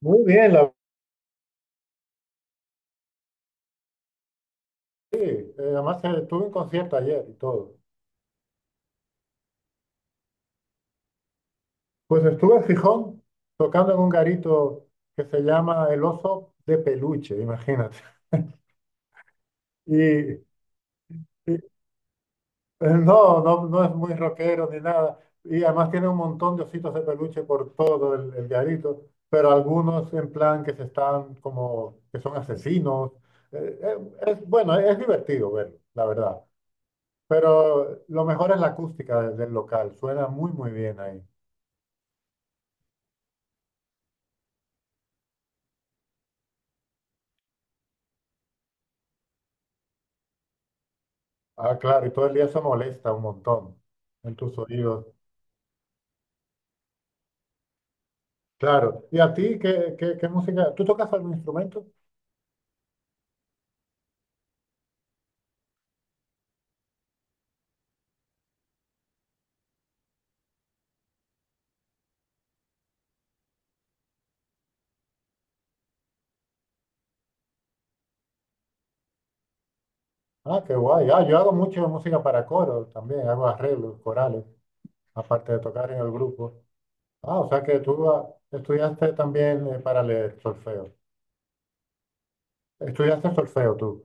Muy bien, la vi. Además, tuve un concierto ayer y todo. Pues estuve en Gijón tocando en un garito que se llama El Oso de Peluche, imagínate. Y, y, eh, no, no, no es muy rockero ni nada. Y además tiene un montón de ositos de peluche por todo el garito, pero algunos en plan que se están como, que son asesinos. Eh, eh, es, bueno, es divertido verlo, la verdad. Pero lo mejor es la acústica del local. Suena muy, muy bien ahí. Ah, claro, y todo el día eso molesta un montón en tus oídos. Claro. ¿Y a ti qué, qué, qué música? ¿Tú tocas algún instrumento? Ah, qué guay. Ah, yo hago mucho música para coro también, hago arreglos, corales, aparte de tocar en el grupo. Ah, o sea que tú ah, estudiaste también para leer solfeo. Estudiaste solfeo tú.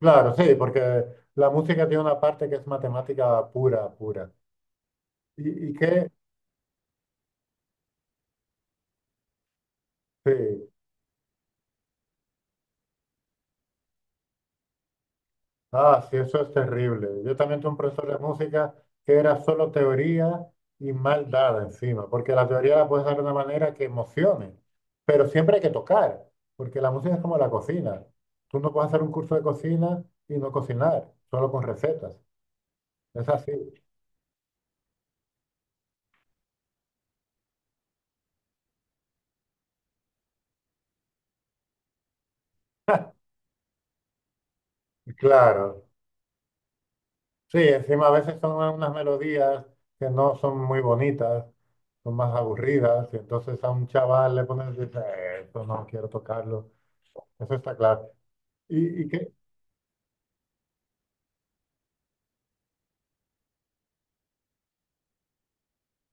Claro, sí, porque la música tiene una parte que es matemática pura, pura. Y qué? Sí. Ah, sí, eso es terrible. Yo también tuve un profesor de música que era solo teoría y mal dada encima, porque la teoría la puedes dar de una manera que emocione, pero siempre hay que tocar, porque la música es como la cocina. Tú no puedes hacer un curso de cocina y no cocinar, solo con recetas. Es así. Claro. Sí, encima a veces son unas melodías que no son muy bonitas, son más aburridas, y entonces a un chaval le pones, dice, esto no quiero tocarlo". Eso está claro. Y que,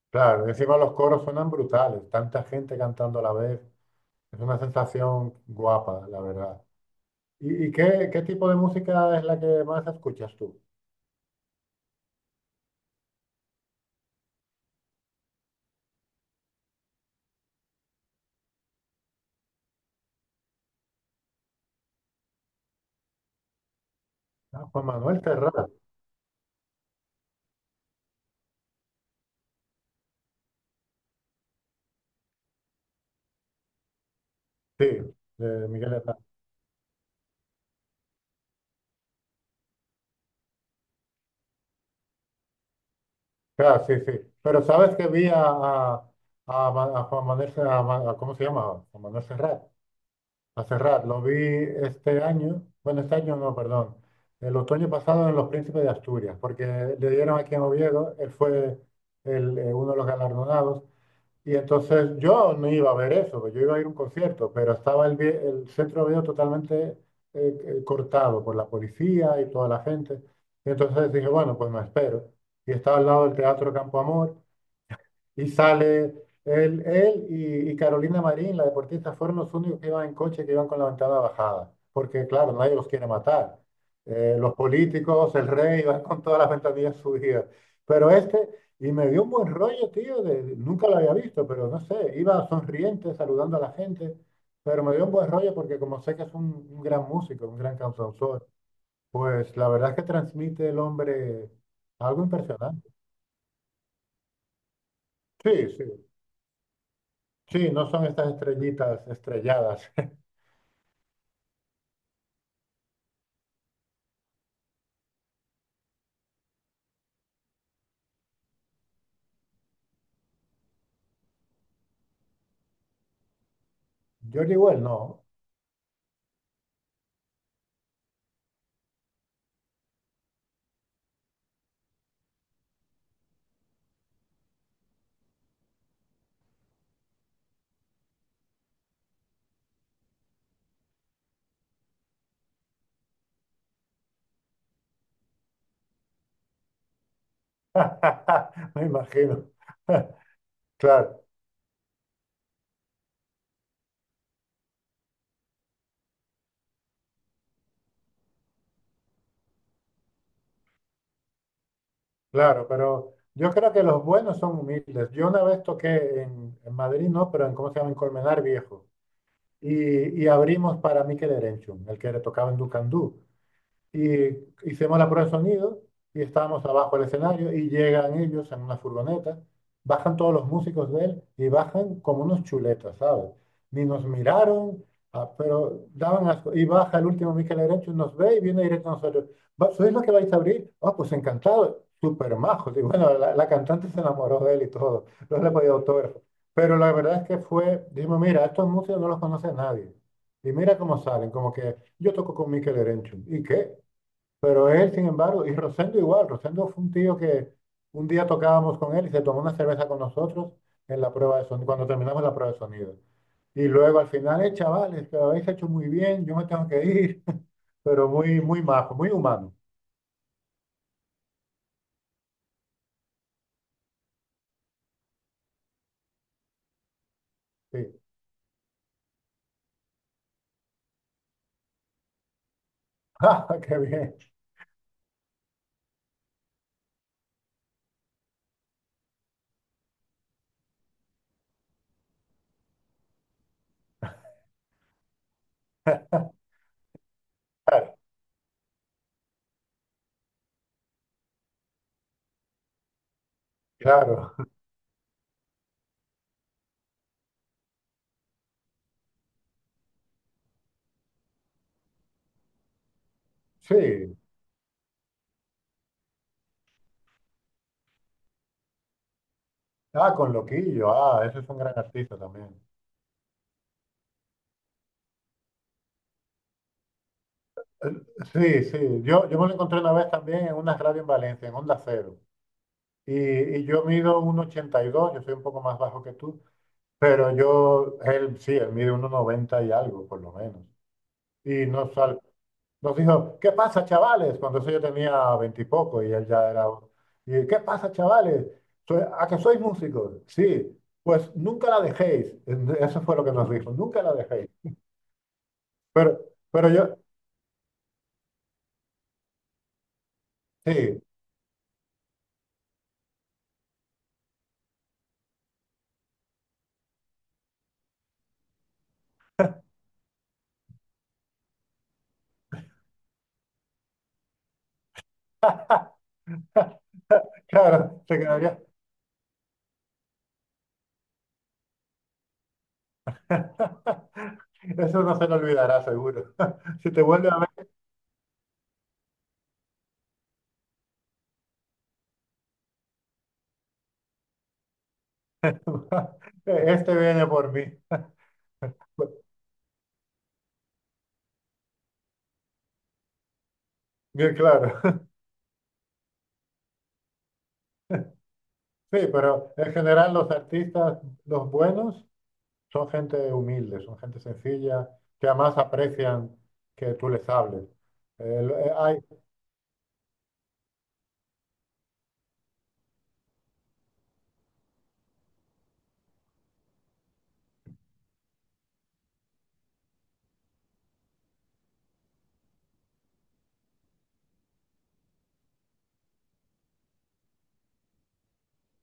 claro, encima los coros suenan brutales, tanta gente cantando a la vez, es una sensación guapa, la verdad. Y qué, qué tipo de música es la que más escuchas tú? Ah, Juan Manuel Serrat, sí, de Miguel Hernández. Claro, sí, sí. Pero sabes que vi a a Juan Manuel, a a- ¿cómo se llama? Juan Manuel Serrat. A cerrar, lo vi este año, bueno, este año no, perdón, el otoño pasado en Los Príncipes de Asturias, porque le dieron aquí en Oviedo, él fue uno de los galardonados, y entonces yo no iba a ver eso, yo iba a ir a un concierto, pero estaba el centro de Oviedo totalmente cortado por la policía y toda la gente, y entonces dije, bueno, pues me espero, y estaba al lado del Teatro Campo Amor, y sale él, y Carolina Marín, la deportista, fueron los únicos que iban en coche, que iban con la ventana bajada, porque claro, nadie los quiere matar. Los políticos, el rey, van con todas las ventanillas subidas. Pero este, y me dio un buen rollo, tío, nunca lo había visto, pero no sé, iba sonriente, saludando a la gente, pero me dio un buen rollo porque como sé que es un gran músico, un gran cantautor, pues la verdad es que transmite el hombre algo impresionante. Sí, sí. Sí, no son estas estrellitas estrelladas. George Well, no. Me imagino. Claro, claro, pero yo creo que los buenos son humildes. Yo una vez toqué en Madrid, no, pero en, ¿cómo se llama? En Colmenar Viejo. Y abrimos para Mikel Erenchun, el que le tocaba en Ducandú. Y hicimos la prueba de sonido y estábamos abajo del escenario y llegan ellos en una furgoneta, bajan todos los músicos de él y bajan como unos chuletas, ¿sabes? Ni nos miraron, ah, pero daban asco. Y baja el último Mikel Erenchu, nos ve y viene directo a nosotros. ¿Sois los que vais a abrir? Ah, pues encantado, súper majos". Y bueno, la cantante se enamoró de él y todo, no le podía autógrafo. Pero la verdad es que fue, dijimos, mira, estos músicos no los conoce nadie. Y mira cómo salen, como que yo toco con Mikel Erenchu. ¿Y qué? Pero él, sin embargo, y Rosendo igual, Rosendo fue un tío que un día tocábamos con él y se tomó una cerveza con nosotros en la prueba de sonido, cuando terminamos la prueba de sonido. Y luego al final, chavales, que lo habéis hecho muy bien, yo me tengo que ir, pero muy, muy majo, muy humano. Sí. Ah, qué bien. Claro. Claro. Sí. Ah, con Loquillo. Ah, ese es un gran artista también. Sí, sí. Yo me lo encontré una vez también en una radio en Valencia, en Onda Cero. Y, y yo mido 1,82, yo soy un poco más bajo que tú. Pero yo, él sí, él mide uno noventa y algo, por lo menos. Y nos dijo, ¿qué pasa, chavales? Cuando eso yo tenía 20 y poco y él ya era... Y, ¿qué pasa, chavales? ¿A que sois músicos? Sí, pues nunca la dejéis". Eso fue lo que nos dijo, nunca la dejéis. Pero, pero yo, sí, claro, se quedaría... Eso no se lo olvidará, seguro. Si te vuelve a ver, este viene por mí. Pues, bien claro. Sí, pero en general los artistas, los buenos, son gente humilde, son gente sencilla, que además aprecian que tú les hables. El- eh, ay,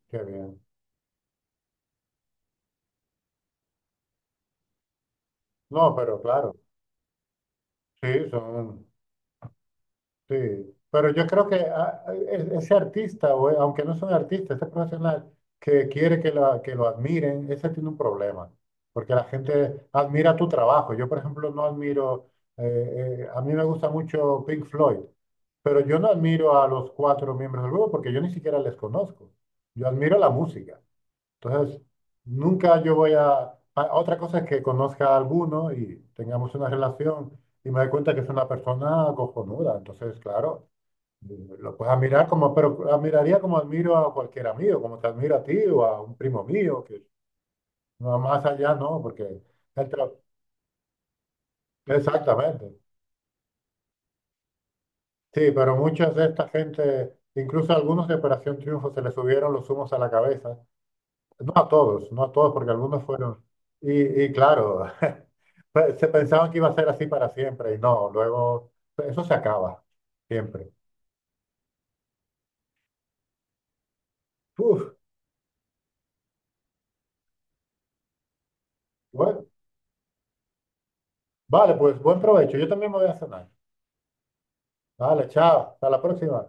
qué bien. No, pero claro, sí, son, sí, pero yo creo que ese artista, o, aunque no es un artista, ese profesional que quiere que, que lo admiren, ese tiene un problema, porque la gente admira tu trabajo. Yo, por ejemplo, no admiro, a mí me gusta mucho Pink Floyd, pero yo no admiro a los cuatro miembros del grupo porque yo ni siquiera les conozco. Yo admiro la música. Entonces, nunca yo voy a... Otra cosa es que conozca a alguno y tengamos una relación y me doy cuenta que es una persona cojonuda. Entonces, claro, lo puedo admirar como, pero admiraría como admiro a cualquier amigo, como te admiro a ti o a un primo mío, que no más allá no, porque el tra- exactamente. Sí, pero muchas de esta gente, incluso a algunos de Operación Triunfo, se les subieron los humos a la cabeza. No a todos, no a todos, porque algunos fueron. Y claro, se pensaban que iba a ser así para siempre, y no, luego eso se acaba, siempre. Uf, bueno, vale, pues buen provecho. Yo también me voy a cenar. Vale, chao, hasta la próxima.